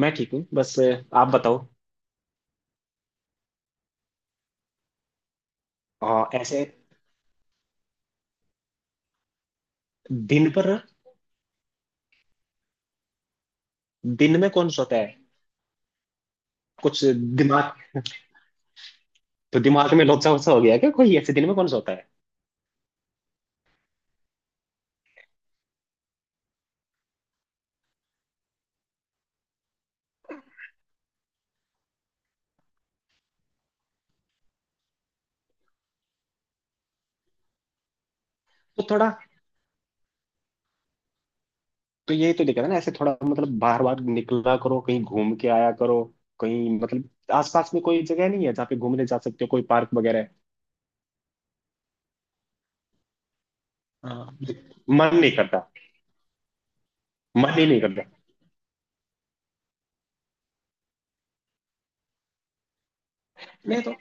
मैं ठीक हूँ बस आप बताओ। ऐसे दिन पर दिन में कौन सोता है? कुछ। दिमाग। तो दिमाग में लोचा वोचा हो गया क्या? कोई ऐसे दिन में कौन सोता है? तो थोड़ा। तो ये तो दिखा है ना, ऐसे थोड़ा मतलब बाहर बाहर निकला करो, कहीं घूम के आया करो। कहीं मतलब आसपास में कोई जगह नहीं है जहाँ पे घूमने जा सकते हो? कोई पार्क वगैरह है? हाँ, मन नहीं करता। मन ही नहीं करता। नहीं तो।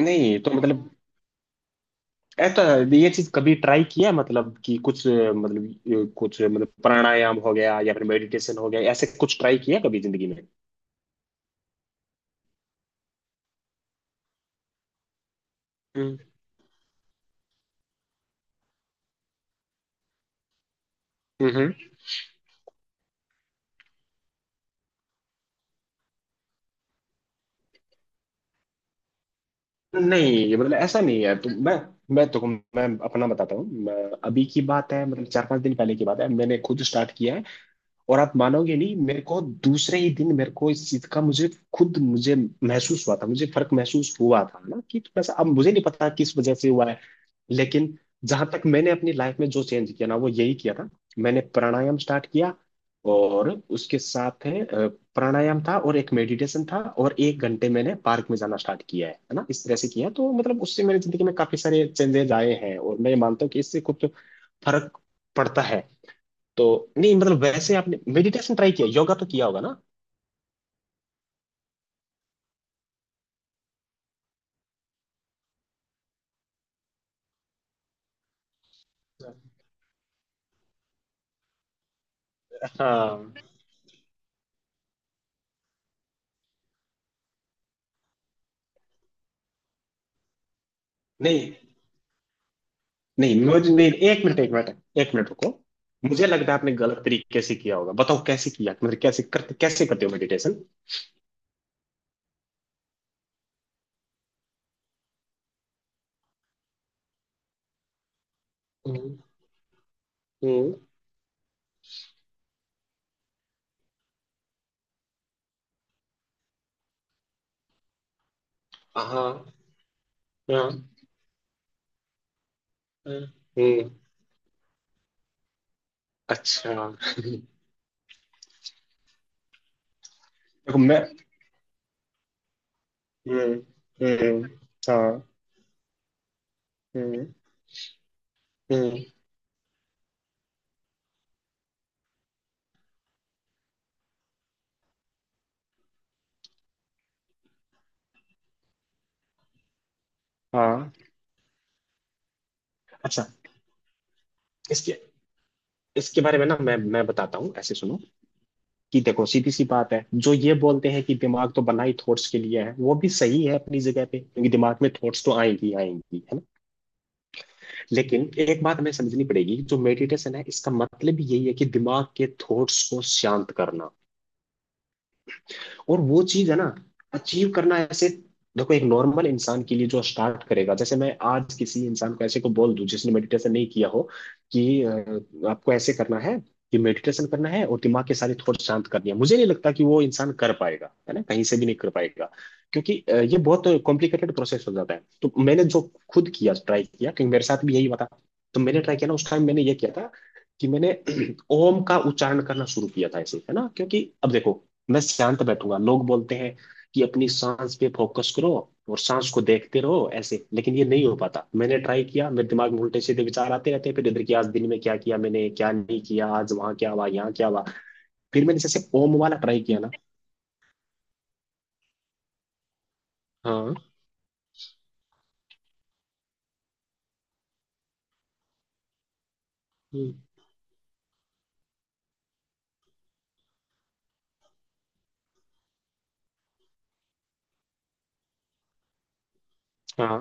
नहीं तो मतलब ऐसा। ये चीज कभी ट्राई किया है? मतलब कि कुछ मतलब, कुछ मतलब प्राणायाम हो गया या फिर मेडिटेशन हो गया, ऐसे कुछ ट्राई किया कभी जिंदगी में? हम्म। हम्म। नहीं, ये मतलब ऐसा नहीं है तो मैं, मैं अपना बताता हूँ मैं। अभी की बात है, मतलब 4-5 दिन पहले की बात है, मैंने खुद स्टार्ट किया है। और आप मानोगे नहीं मेरे को, दूसरे ही दिन मेरे को इस चीज का, मुझे खुद मुझे महसूस हुआ था, मुझे फर्क महसूस हुआ था ना कि थोड़ा सा। अब मुझे नहीं पता किस वजह से हुआ है, लेकिन जहां तक मैंने अपनी लाइफ में जो चेंज किया ना, वो यही किया था। मैंने प्राणायाम स्टार्ट किया, और उसके साथ है प्राणायाम था और एक मेडिटेशन था, और 1 घंटे मैंने पार्क में जाना स्टार्ट किया है ना। इस तरह से किया, तो मतलब उससे मेरी जिंदगी में काफी सारे चेंजेस आए हैं और मैं ये मानता हूँ कि इससे कुछ फर्क पड़ता है। तो नहीं मतलब, वैसे आपने मेडिटेशन ट्राई किया, योगा तो किया होगा ना? हाँ। नहीं, नहीं, मुझे नहीं। एक मिनट, एक मिनट, एक मिनट, रुको। मुझे लगता है आपने गलत तरीके से किया होगा। बताओ कैसे किया, मतलब कैसे करते हो मेडिटेशन? हम्म। हम्म, हाँ, हाँ, हाँ, हम्म। अच्छा। हम्म। देखो मैं। हम्म। हम्म। हाँ। हम्म। हम्म। हाँ। अच्छा। इसके इसके बारे में ना, मैं बताता हूँ ऐसे, सुनो। कि देखो सीधी सी बात है, जो ये बोलते हैं कि दिमाग तो बना ही थॉट्स के लिए है, वो भी सही है अपनी जगह पे, क्योंकि दिमाग में थॉट्स तो आएंगी आएंगी है। लेकिन एक बात हमें समझनी पड़ेगी, जो मेडिटेशन है, इसका मतलब यही है कि दिमाग के थॉट्स को शांत करना। और वो चीज है ना अचीव करना, ऐसे। देखो, एक नॉर्मल इंसान के लिए जो स्टार्ट करेगा, जैसे मैं आज किसी इंसान को ऐसे को बोल दूं जिसने मेडिटेशन नहीं किया हो, कि आपको ऐसे करना है कि मेडिटेशन करना है और दिमाग के सारे थॉट शांत करनी है, मुझे नहीं लगता कि वो इंसान कर पाएगा, है ना, कहीं से भी नहीं कर पाएगा। क्योंकि ये बहुत कॉम्प्लिकेटेड प्रोसेस हो जाता है। तो मैंने जो खुद किया, ट्राई किया, क्योंकि मेरे साथ भी यही हुआ था, तो मैंने ट्राई किया ना, उस टाइम मैंने ये किया था कि मैंने ओम का उच्चारण करना शुरू किया था, ऐसे, है ना। क्योंकि अब देखो, मैं शांत बैठूंगा, लोग बोलते हैं कि अपनी सांस पे फोकस करो और सांस को देखते रहो ऐसे, लेकिन ये नहीं हो पाता। मैंने ट्राई किया, मेरे दिमाग में उल्टे सीधे विचार आते रहते हैं, फिर इधर की आज दिन में क्या किया, मैंने क्या नहीं किया, आज वहां क्या हुआ, यहाँ क्या हुआ। फिर मैंने जैसे ओम वाला ट्राई किया ना। हाँ। हम्म, हाँ।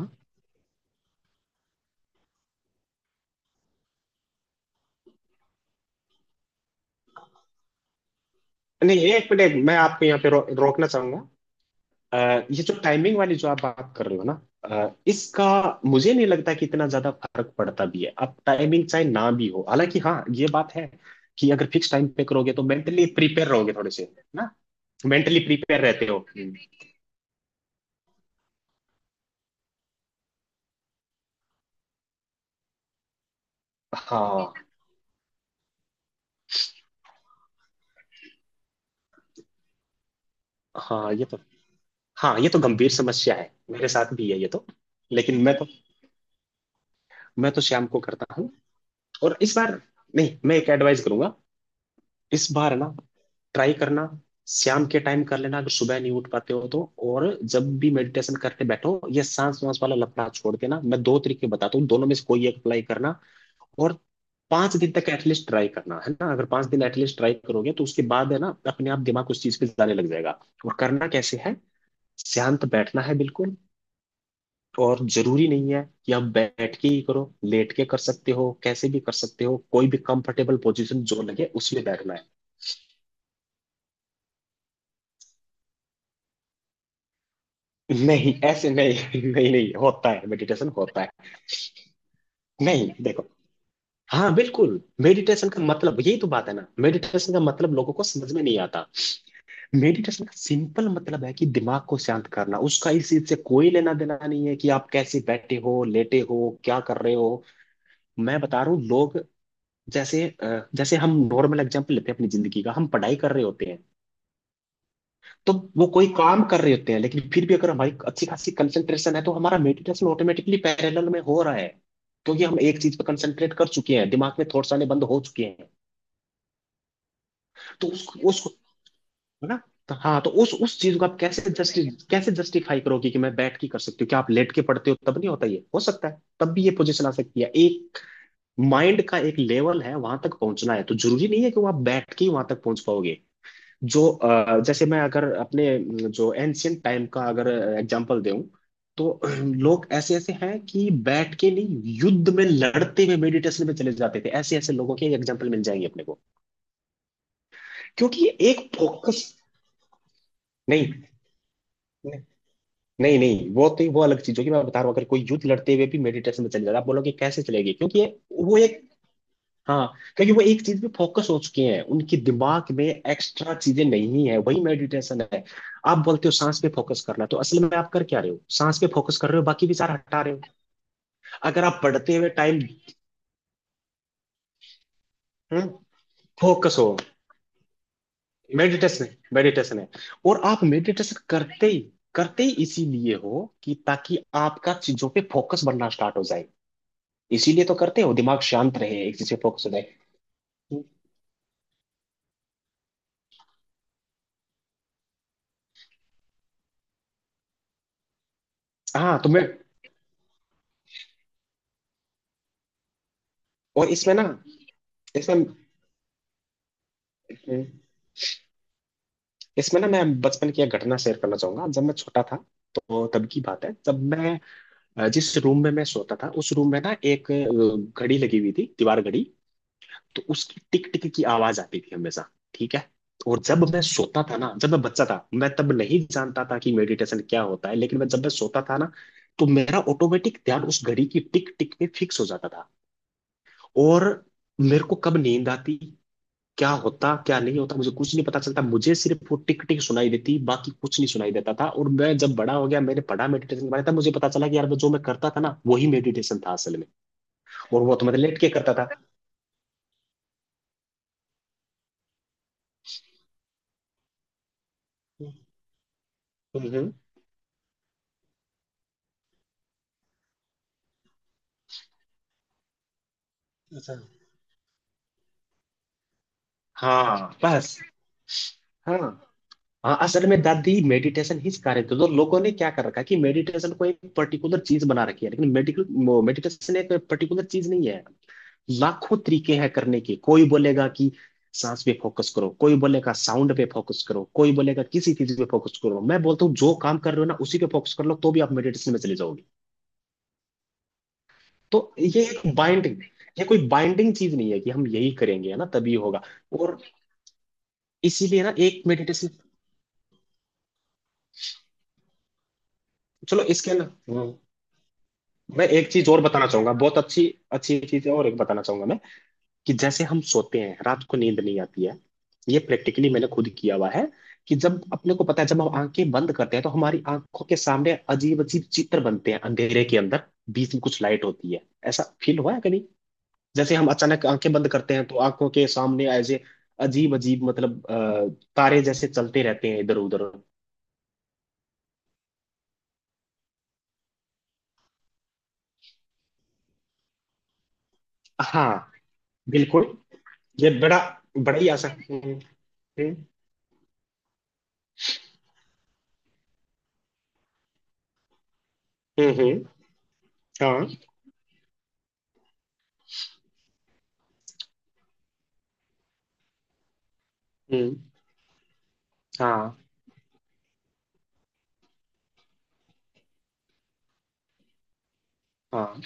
नहीं, एक मिनट, मैं आपको यहाँ पे रोकना चाहूंगा। अ, ये जो टाइमिंग वाली जो आप बात कर रहे हो ना, इसका मुझे नहीं लगता कि इतना ज्यादा फर्क पड़ता भी है। अब टाइमिंग चाहे ना भी हो, हालांकि हाँ, ये बात है कि अगर फिक्स टाइम पे करोगे तो मेंटली प्रिपेयर रहोगे थोड़े से ना, मेंटली प्रिपेयर रहते हो। हम्म। हाँ, हाँ ये तो। हाँ ये तो गंभीर समस्या है, मेरे साथ भी है ये तो। लेकिन मैं तो, शाम को करता हूँ। और इस बार, नहीं मैं एक एडवाइस करूंगा, इस बार ना ट्राई करना, शाम के टाइम कर लेना अगर सुबह नहीं उठ पाते हो तो। और जब भी मेडिटेशन करते बैठो, ये सांस वांस वाला लफड़ा छोड़ देना। मैं दो तरीके बताता हूँ, दोनों में से कोई एक अप्लाई करना। और 5 दिन तक एटलीस्ट ट्राई करना है ना, अगर 5 दिन एटलीस्ट ट्राई करोगे तो उसके बाद है ना, अपने आप दिमाग उस चीज पे जाने लग जाएगा। और करना कैसे है, शांत बैठना है बिल्कुल। और जरूरी नहीं है कि आप बैठ के ही करो, लेट के कर सकते हो, कैसे भी कर सकते हो, कोई भी कंफर्टेबल पोजीशन जो लगे उसमें बैठना है। नहीं ऐसे नहीं, नहीं, नहीं होता है मेडिटेशन, होता है। नहीं देखो, हाँ बिल्कुल। मेडिटेशन का मतलब यही तो बात है ना, मेडिटेशन का मतलब लोगों को समझ में नहीं आता। मेडिटेशन का सिंपल मतलब है कि दिमाग को शांत करना, उसका इस चीज से कोई लेना देना नहीं है कि आप कैसे बैठे हो, लेटे हो, क्या कर रहे हो। मैं बता रहा हूँ लोग, जैसे जैसे हम नॉर्मल एग्जाम्पल लेते हैं अपनी जिंदगी का, हम पढ़ाई कर रहे होते हैं तो वो, कोई काम कर रहे होते हैं, लेकिन फिर भी अगर हमारी अच्छी खासी कंसंट्रेशन है तो हमारा मेडिटेशन ऑटोमेटिकली पैरेलल में हो रहा है, क्योंकि हम एक चीज पर कंसंट्रेट कर चुके हैं, दिमाग में थॉट्स आने बंद हो चुके हैं। तो उसको उसको है ना, तो हाँ, तो उस चीज को आप कैसे जस्टि कैसे जस्टिफाई करोगे कि मैं बैठ के कर सकती हूँ? क्या आप लेट के पढ़ते हो तब नहीं होता? ये हो सकता है तब भी, ये पोजीशन आ सकती है। एक माइंड का एक लेवल है, वहां तक पहुंचना है, तो जरूरी नहीं है कि वो आप बैठ के ही वहां तक पहुंच पाओगे। जो जैसे मैं अगर अपने जो एंशियंट टाइम का अगर एग्जांपल दूं तो लोग ऐसे ऐसे हैं कि बैठ के नहीं, युद्ध में लड़ते हुए मेडिटेशन में चले जाते थे। ऐसे ऐसे लोगों के एग्जांपल मिल जाएंगे अपने को, क्योंकि ये एक फोकस। नहीं, नहीं, नहीं, नहीं, वो तो वो अलग चीज होगी। मैं बता रहा हूँ, अगर कोई युद्ध लड़ते हुए भी मेडिटेशन में चले जाता आप बोलोगे कैसे चलेगी, क्योंकि ये, वो एक, हाँ, क्योंकि वो एक चीज पे फोकस हो चुके हैं, उनके दिमाग में एक्स्ट्रा चीजें नहीं है, वही मेडिटेशन है। आप बोलते हो सांस पे फोकस करना, तो असल में आप कर क्या रहे हो? सांस पे फोकस कर रहे हो, बाकी विचार हटा रहे हो। अगर आप पढ़ते हुए टाइम फोकस हो, मेडिटेशन है, मेडिटेशन है। और आप मेडिटेशन करते ही इसीलिए हो कि ताकि आपका चीजों पे फोकस बनना स्टार्ट हो जाए। इसीलिए तो करते हो, दिमाग शांत रहे, एक चीज पे फोकस हो जाए। हाँ तो मैं, और इसमें हम्म, इसमें ना मैं बचपन की एक घटना शेयर करना चाहूंगा। जब मैं छोटा था, तो तब की बात है, जब मैं जिस रूम में मैं सोता था, उस रूम में ना एक घड़ी लगी हुई थी, दीवार घड़ी। तो उसकी टिक टिक की आवाज आती थी हमेशा, ठीक है। और जब मैं सोता था ना, जब मैं बच्चा था, मैं तब नहीं जानता था कि मेडिटेशन क्या होता है, लेकिन मैं, जब मैं सोता था ना, तो मेरा ऑटोमेटिक ध्यान उस घड़ी की टिक टिक पे फिक्स हो जाता था। और मेरे को कब नींद आती, क्या होता, क्या नहीं होता, मुझे कुछ नहीं पता चलता, मुझे सिर्फ वो टिक टिक सुनाई देती, बाकी कुछ नहीं सुनाई देता था। और मैं जब बड़ा हो गया, मैंने पढ़ा मेडिटेशन के बारे में, तब मुझे पता चला कि यार वो जो मैं करता था ना, वही मेडिटेशन था असल में। और वो तो मैं लेट के करता था। हम्म। हम्म। अच्छा। हाँ बस। हाँ। हाँ, असल में दादी मेडिटेशन ही सिखा रहे थे। तो लोगों ने क्या कर रखा है कि मेडिटेशन को एक पर्टिकुलर चीज बना रखी है, लेकिन मेडिकल, मेडिटेशन एक पर्टिकुलर चीज नहीं है, लाखों तरीके हैं करने के। कोई बोलेगा कि सांस पे फोकस करो, कोई बोलेगा साउंड पे फोकस करो, कोई बोलेगा किसी चीज पे फोकस करो, मैं बोलता हूँ जो काम कर रहे हो ना उसी पे फोकस कर लो तो भी आप मेडिटेशन में चले जाओगे। तो ये एक बाइंडिंग, ये कोई बाइंडिंग चीज नहीं है कि हम यही करेंगे है ना तभी होगा। और इसीलिए ना एक मेडिटेशन, चलो इसके ना, मैं एक चीज और बताना चाहूंगा, बहुत अच्छी। अच्छी चीज और एक बताना चाहूंगा मैं, कि जैसे हम सोते हैं रात को नींद नहीं आती है, ये प्रैक्टिकली मैंने खुद किया हुआ है, कि जब अपने को पता है, जब हम आंखें बंद करते हैं तो हमारी आंखों के सामने अजीब अजीब चित्र बनते हैं अंधेरे के अंदर, बीच में कुछ लाइट होती है। ऐसा फील हुआ है कभी? जैसे हम अचानक आंखें बंद करते हैं तो आंखों के सामने ऐसे अजीब अजीब मतलब तारे जैसे चलते रहते हैं इधर उधर। हाँ बिल्कुल, ये बड़ा, बड़ा ही आसान। हम्म। हम्म। हम्म। हाँ। हम्म। हाँ। हाँ।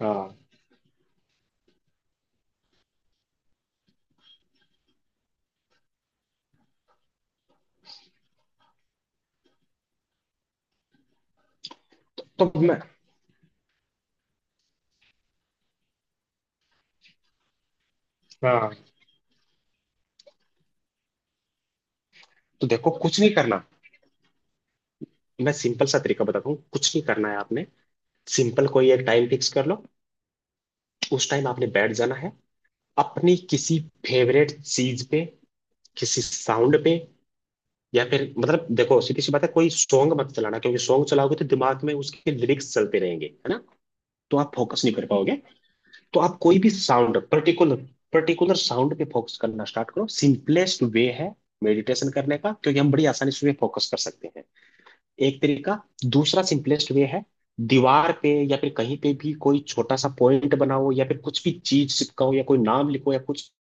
हाँ तो मैं, हाँ तो देखो कुछ नहीं करना। मैं सिंपल सा तरीका बताता हूँ, कुछ नहीं करना है आपने, सिंपल। कोई एक टाइम फिक्स कर लो, उस टाइम आपने बैठ जाना है, अपनी किसी फेवरेट चीज पे, किसी साउंड पे, या फिर मतलब देखो सीधी सी बात है, कोई सॉन्ग मत चलाना क्योंकि सॉन्ग चलाओगे तो दिमाग में उसके लिरिक्स चलते रहेंगे है ना, तो आप फोकस नहीं कर पाओगे। तो आप कोई भी साउंड, पर्टिकुलर पर्टिकुलर साउंड पे फोकस करना स्टार्ट करो, सिंपलेस्ट वे है मेडिटेशन करने का, क्योंकि हम बड़ी आसानी से फोकस कर सकते हैं, एक तरीका। दूसरा सिंपलेस्ट वे है, दीवार पे या फिर कहीं पे भी कोई छोटा सा पॉइंट बनाओ, या फिर कुछ भी चीज चिपकाओ, या कोई नाम लिखो, या कुछ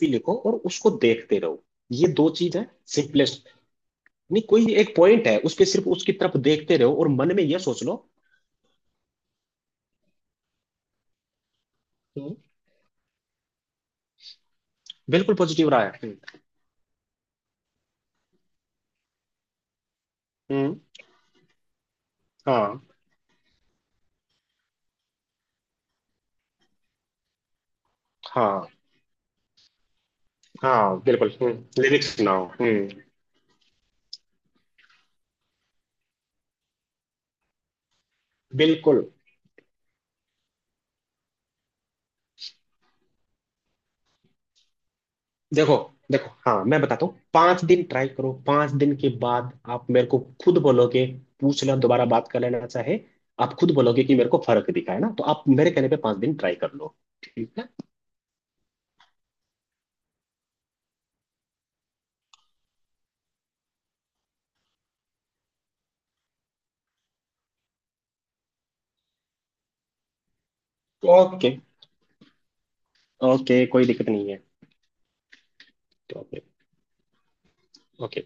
भी लिखो, और उसको देखते रहो। ये दो चीज है, सिंपलेस्ट। नहीं, कोई एक पॉइंट है उस पे सिर्फ उसकी तरफ देखते रहो और मन में ये सोच लो। हम्म, बिल्कुल पॉजिटिव रहा है, हम्म। हम्म, हाँ, हाँ, हाँ बिल्कुल, लिरिक्स सुनाओ, बिल्कुल। देखो, देखो, हाँ मैं बताता हूँ, 5 दिन ट्राई करो, 5 दिन के बाद आप मेरे को खुद बोलोगे, पूछ लेना दोबारा बात कर लेना चाहे। आप खुद बोलोगे कि मेरे को फर्क दिखा, है ना, तो आप मेरे कहने पे 5 दिन ट्राई कर लो। ठीक है? ओके, ओके, कोई दिक्कत नहीं है। तो ओके, ओके।